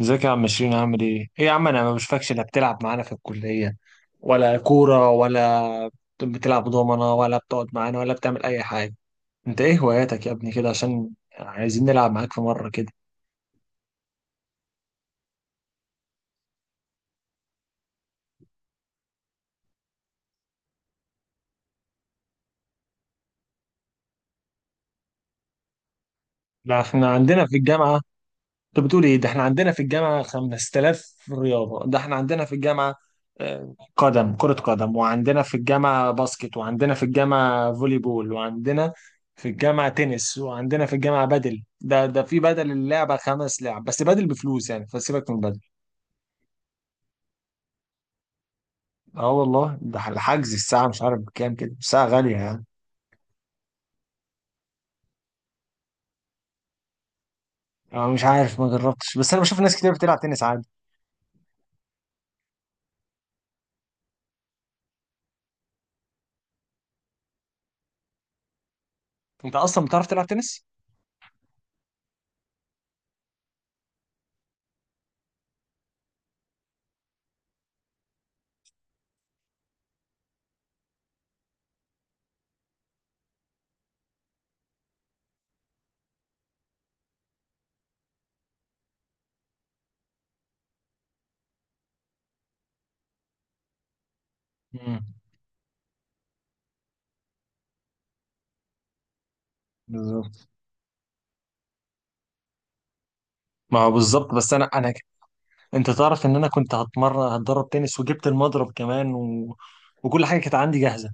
ازيك يا عم شيرين؟ عامل ايه؟ ايه يا عم انا ما بشوفكش، لا بتلعب معانا في الكلية ولا كورة ولا بتلعب دومنة ولا بتقعد معانا ولا بتعمل أي حاجة. انت ايه هواياتك يا ابني كده؟ عشان عايزين نلعب معاك في مرة كده. لا احنا عندنا في الجامعة. انت بتقول ايه؟ ده احنا عندنا في الجامعه 5000 رياضه. ده احنا عندنا في الجامعه قدم، كره قدم، وعندنا في الجامعه باسكت، وعندنا في الجامعه فولي بول، وعندنا في الجامعه تنس، وعندنا في الجامعه بدل. ده في بدل. اللعبه خمس لعب بس، بدل بفلوس يعني، فسيبك من بدل. اه والله، ده الحجز الساعه مش عارف بكام كده، الساعه غاليه يعني. اه مش عارف، ما جربتش، بس انا بشوف ناس كتير بتلعب تنس عادي. انت اصلا بتعرف تلعب تنس؟ امم. بالظبط. ما هو بالظبط، بس انا انت تعرف ان انا كنت هتدرب تنس، وجبت المضرب كمان و... وكل حاجه كانت عندي جاهزه،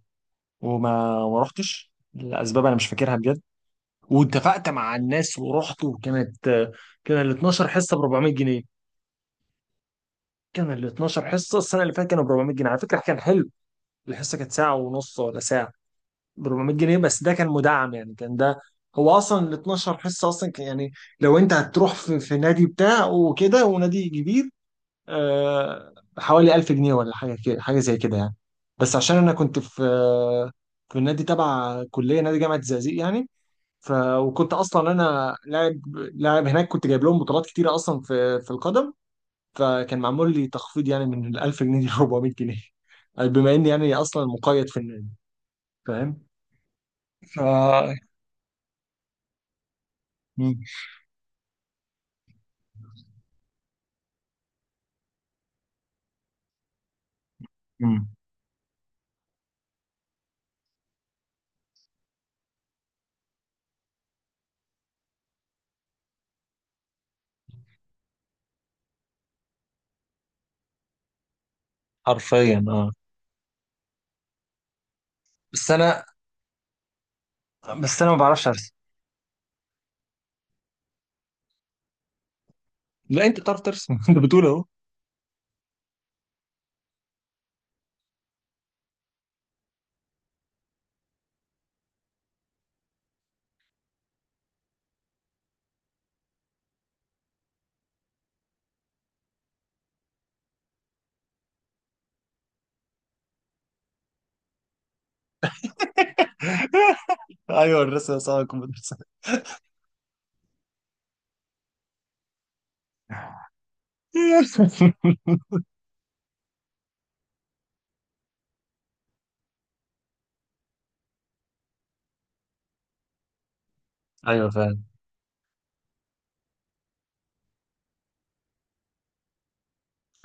وما ما رحتش لاسباب انا مش فاكرها بجد. واتفقت مع الناس ورحت، وكانت، كان ال 12 حصه ب 400 جنيه. كان ال 12 حصه السنه اللي فاتت كانوا ب 400 جنيه، على فكره كان حلو. الحصه كانت ساعه ونص ولا ساعه، ب 400 جنيه. بس ده كان مدعم يعني، كان ده، هو اصلا ال 12 حصه اصلا كان يعني، لو انت هتروح في نادي بتاع وكده، ونادي كبير، حوالي 1000 جنيه ولا حاجه كده، حاجه زي كده يعني. بس عشان انا كنت في، في النادي تبع كليه، نادي جامعه الزقازيق يعني. ف وكنت اصلا انا لاعب، لاعب هناك، كنت جايب لهم بطولات كتيره اصلا في القدم. فكان معمول لي تخفيض يعني، من ال 1000 جنيه ل 400 جنيه، بما اني يعني اصلا مقيد في النادي. فاهم. ف مم. مم. حرفيا اه. بس انا بس انا ما بعرفش ارسم. لا انت بتعرف ترسم انت بتقول اهو. ايوه، الرسم صعب، الكمبيوتر. ايوه فعلا.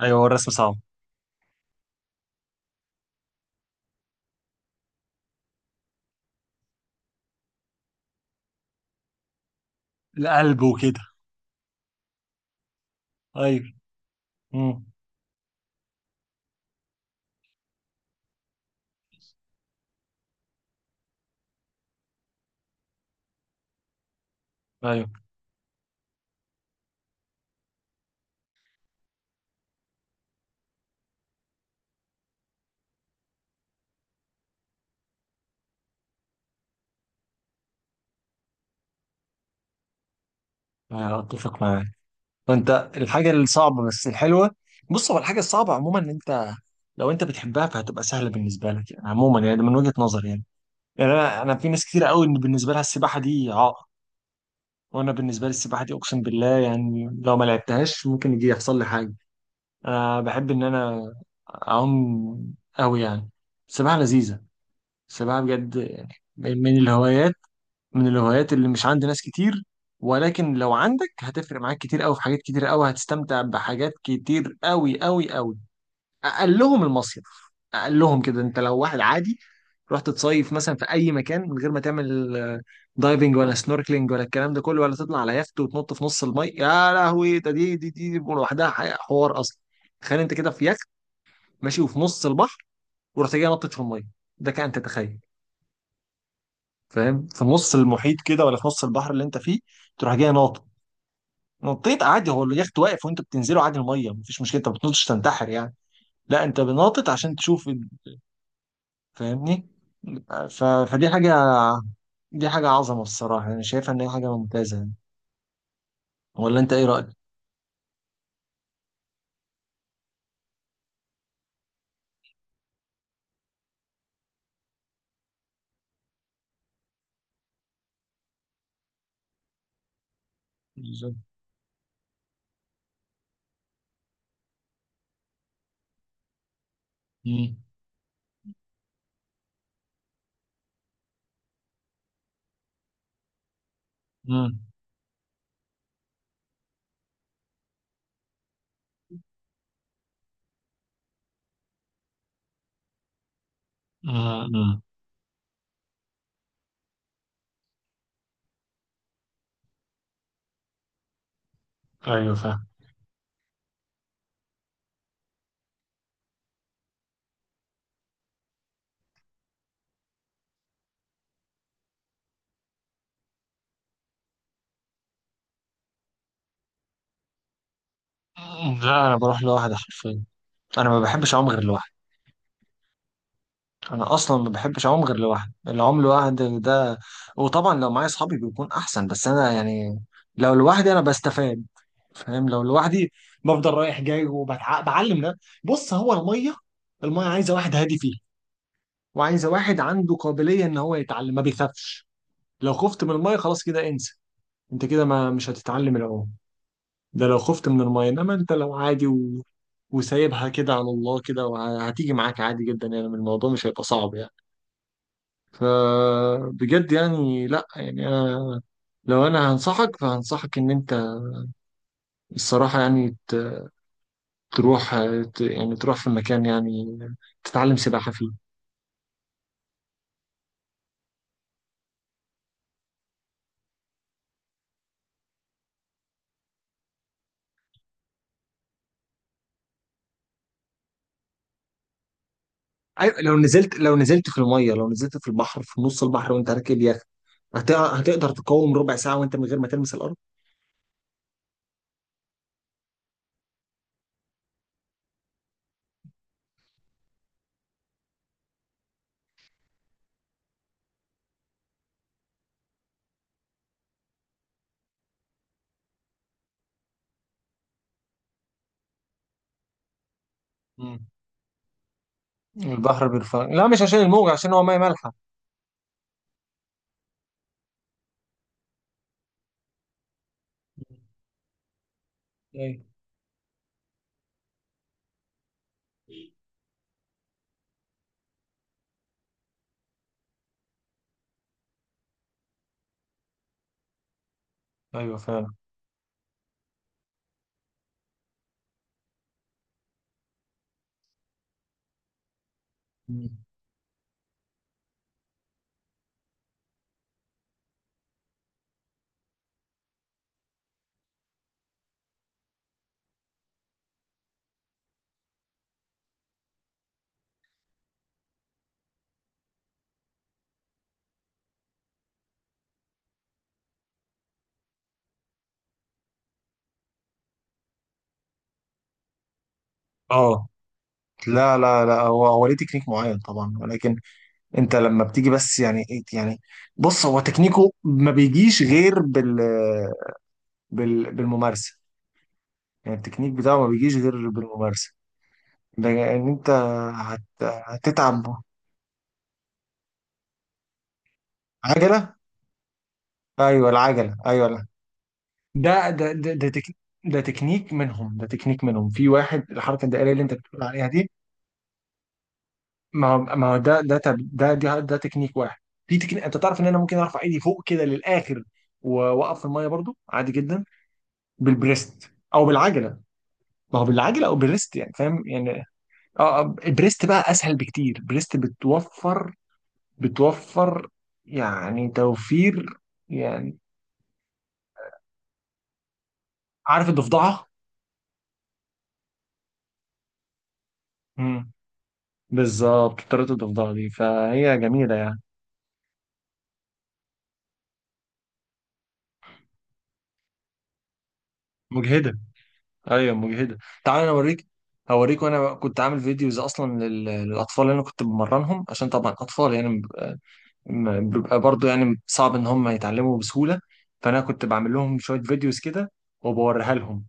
ايوه، هو الرسم صعب. القلب وكده. ايوه. امم. ايوه. أيوة، اتفق معاك. فانت، الحاجه الصعبه بس الحلوه. بص، هو الحاجه الصعبه عموما ان انت، لو انت بتحبها فهتبقى سهله بالنسبه لك يعني، عموما يعني، ده من وجهه نظري يعني. يعني انا في ناس كتير قوي ان بالنسبه لها السباحه دي عائق، وانا بالنسبه لي السباحه دي اقسم بالله يعني، لو ما لعبتهاش ممكن يجي يحصل لي حاجه. انا بحب ان انا اعوم قوي يعني. السباحه لذيذه. السباحه بجد يعني، من الهوايات، من الهوايات اللي مش عند ناس كتير. ولكن لو عندك هتفرق معاك كتير قوي، في حاجات كتير قوي هتستمتع بحاجات كتير قوي قوي قوي. اقلهم المصيف. اقلهم كده، انت لو واحد عادي رحت تصيف مثلا في اي مكان، من غير ما تعمل دايفنج ولا سنوركلينج ولا الكلام ده كله، ولا تطلع على يخت وتنط في نص المي، يا لهوي، ده دي دي دي, دي لوحدها حوار اصلا. تخيل انت كده في يخت ماشي وفي نص البحر، ورحت جاي نطت في الميه، ده كان تتخيل. فاهم، في نص المحيط كده، ولا في نص البحر اللي انت فيه تروح جاي ناطط. نطيت عادي، هو اليخت واقف وانت بتنزله عادي الميه، مفيش مشكله، انت ما بتنطش تنتحر يعني. لا انت بناطط عشان تشوف فاهمني. فدي حاجه، دي حاجه عظمه الصراحه، انا شايفها ان هي حاجه ممتازه يعني. ولا انت ايه رايك؟ بالظبط. مم. مم. مم. مم. ايوه فاهم. لا انا بروح لوحدي حرفيا، انا ما بحبش اعوم غير لوحدي. انا اصلا ما بحبش اعوم غير لوحدي، العوم لوحدي ده، وطبعا لو معايا اصحابي بيكون احسن، بس انا يعني لو لوحدي انا بستفاد، فاهم، لو لوحدي بفضل رايح جاي وبتعلم ده. بص، هو الميه، الميه عايزه واحد هادي فيه، وعايزه واحد عنده قابليه ان هو يتعلم، ما بيخافش. لو خفت من الميه خلاص كده، انسى، انت كده ما مش هتتعلم العوم. ده لو خفت من الميه، انما انت لو عادي و... وسايبها كده على الله كده، وهتيجي معاك عادي جدا يعني، الموضوع مش هيبقى صعب يعني. فبجد يعني، لا يعني انا، لو انا هنصحك، فهنصحك ان انت الصراحه يعني تروح، يعني تروح في مكان يعني تتعلم سباحه فيه. أيوة، لو نزلت في الميه، لو نزلت في البحر، في نص البحر وانت راكب يخت، هتقدر تقاوم ربع ساعه وانت من غير ما تلمس الارض؟ مم. البحر بيرفع لا، مش عشان الموجة، عشان هو مية مالحة. ايوه ايوه فعلا. مم. اه. لا لا لا، هو ليه تكنيك معين طبعا، ولكن انت لما بتيجي، بس يعني ايه يعني، بص هو تكنيكه ما بيجيش غير بال، بالممارسه، يعني التكنيك بتاعه ما بيجيش غير بالممارسه. ده ان انت هتتعب. عجله. ايوه العجله، ايوه لا. ده ده ده ده, تك... ده تكنيك منهم، ده تكنيك منهم، في واحد الحركه الدائريه اللي انت بتقول عليها دي. ما هو ده ده تب- ده ده, ده تكنيك واحد. في تكنيك انت تعرف ان انا ممكن ارفع ايدي فوق كده للاخر واوقف في الميه برضو عادي جدا، بالبريست او بالعجله. ما هو بالعجل او بالريست يعني، فاهم يعني. اه، البريست بقى اسهل بكتير، البريست بتوفر، بتوفر، يعني توفير يعني. عارف الضفدعه؟ امم. بالظبط، طريقه الضفدعه دي فهي جميله يعني. مجهده. ايوه مجهده. تعال انا اوريك، هوريك، وانا كنت عامل فيديوز اصلا للاطفال اللي انا كنت بمرنهم، عشان طبعا اطفال يعني بيبقى، بيبقى برضه يعني صعب ان هم يتعلموا بسهوله، فانا كنت بعمل لهم شويه فيديوز كده وبوريها لهم.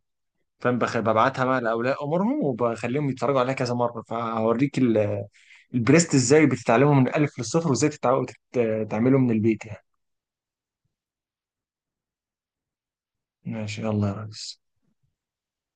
فاهم، ببعتها بقى لاولياء امورهم وبخليهم يتفرجوا عليها كذا مره، فهوريك البريست ازاي بتتعلمه من الالف للصفر، وازاي تعمله من البيت يعني. ماشي، يلا يا ريس.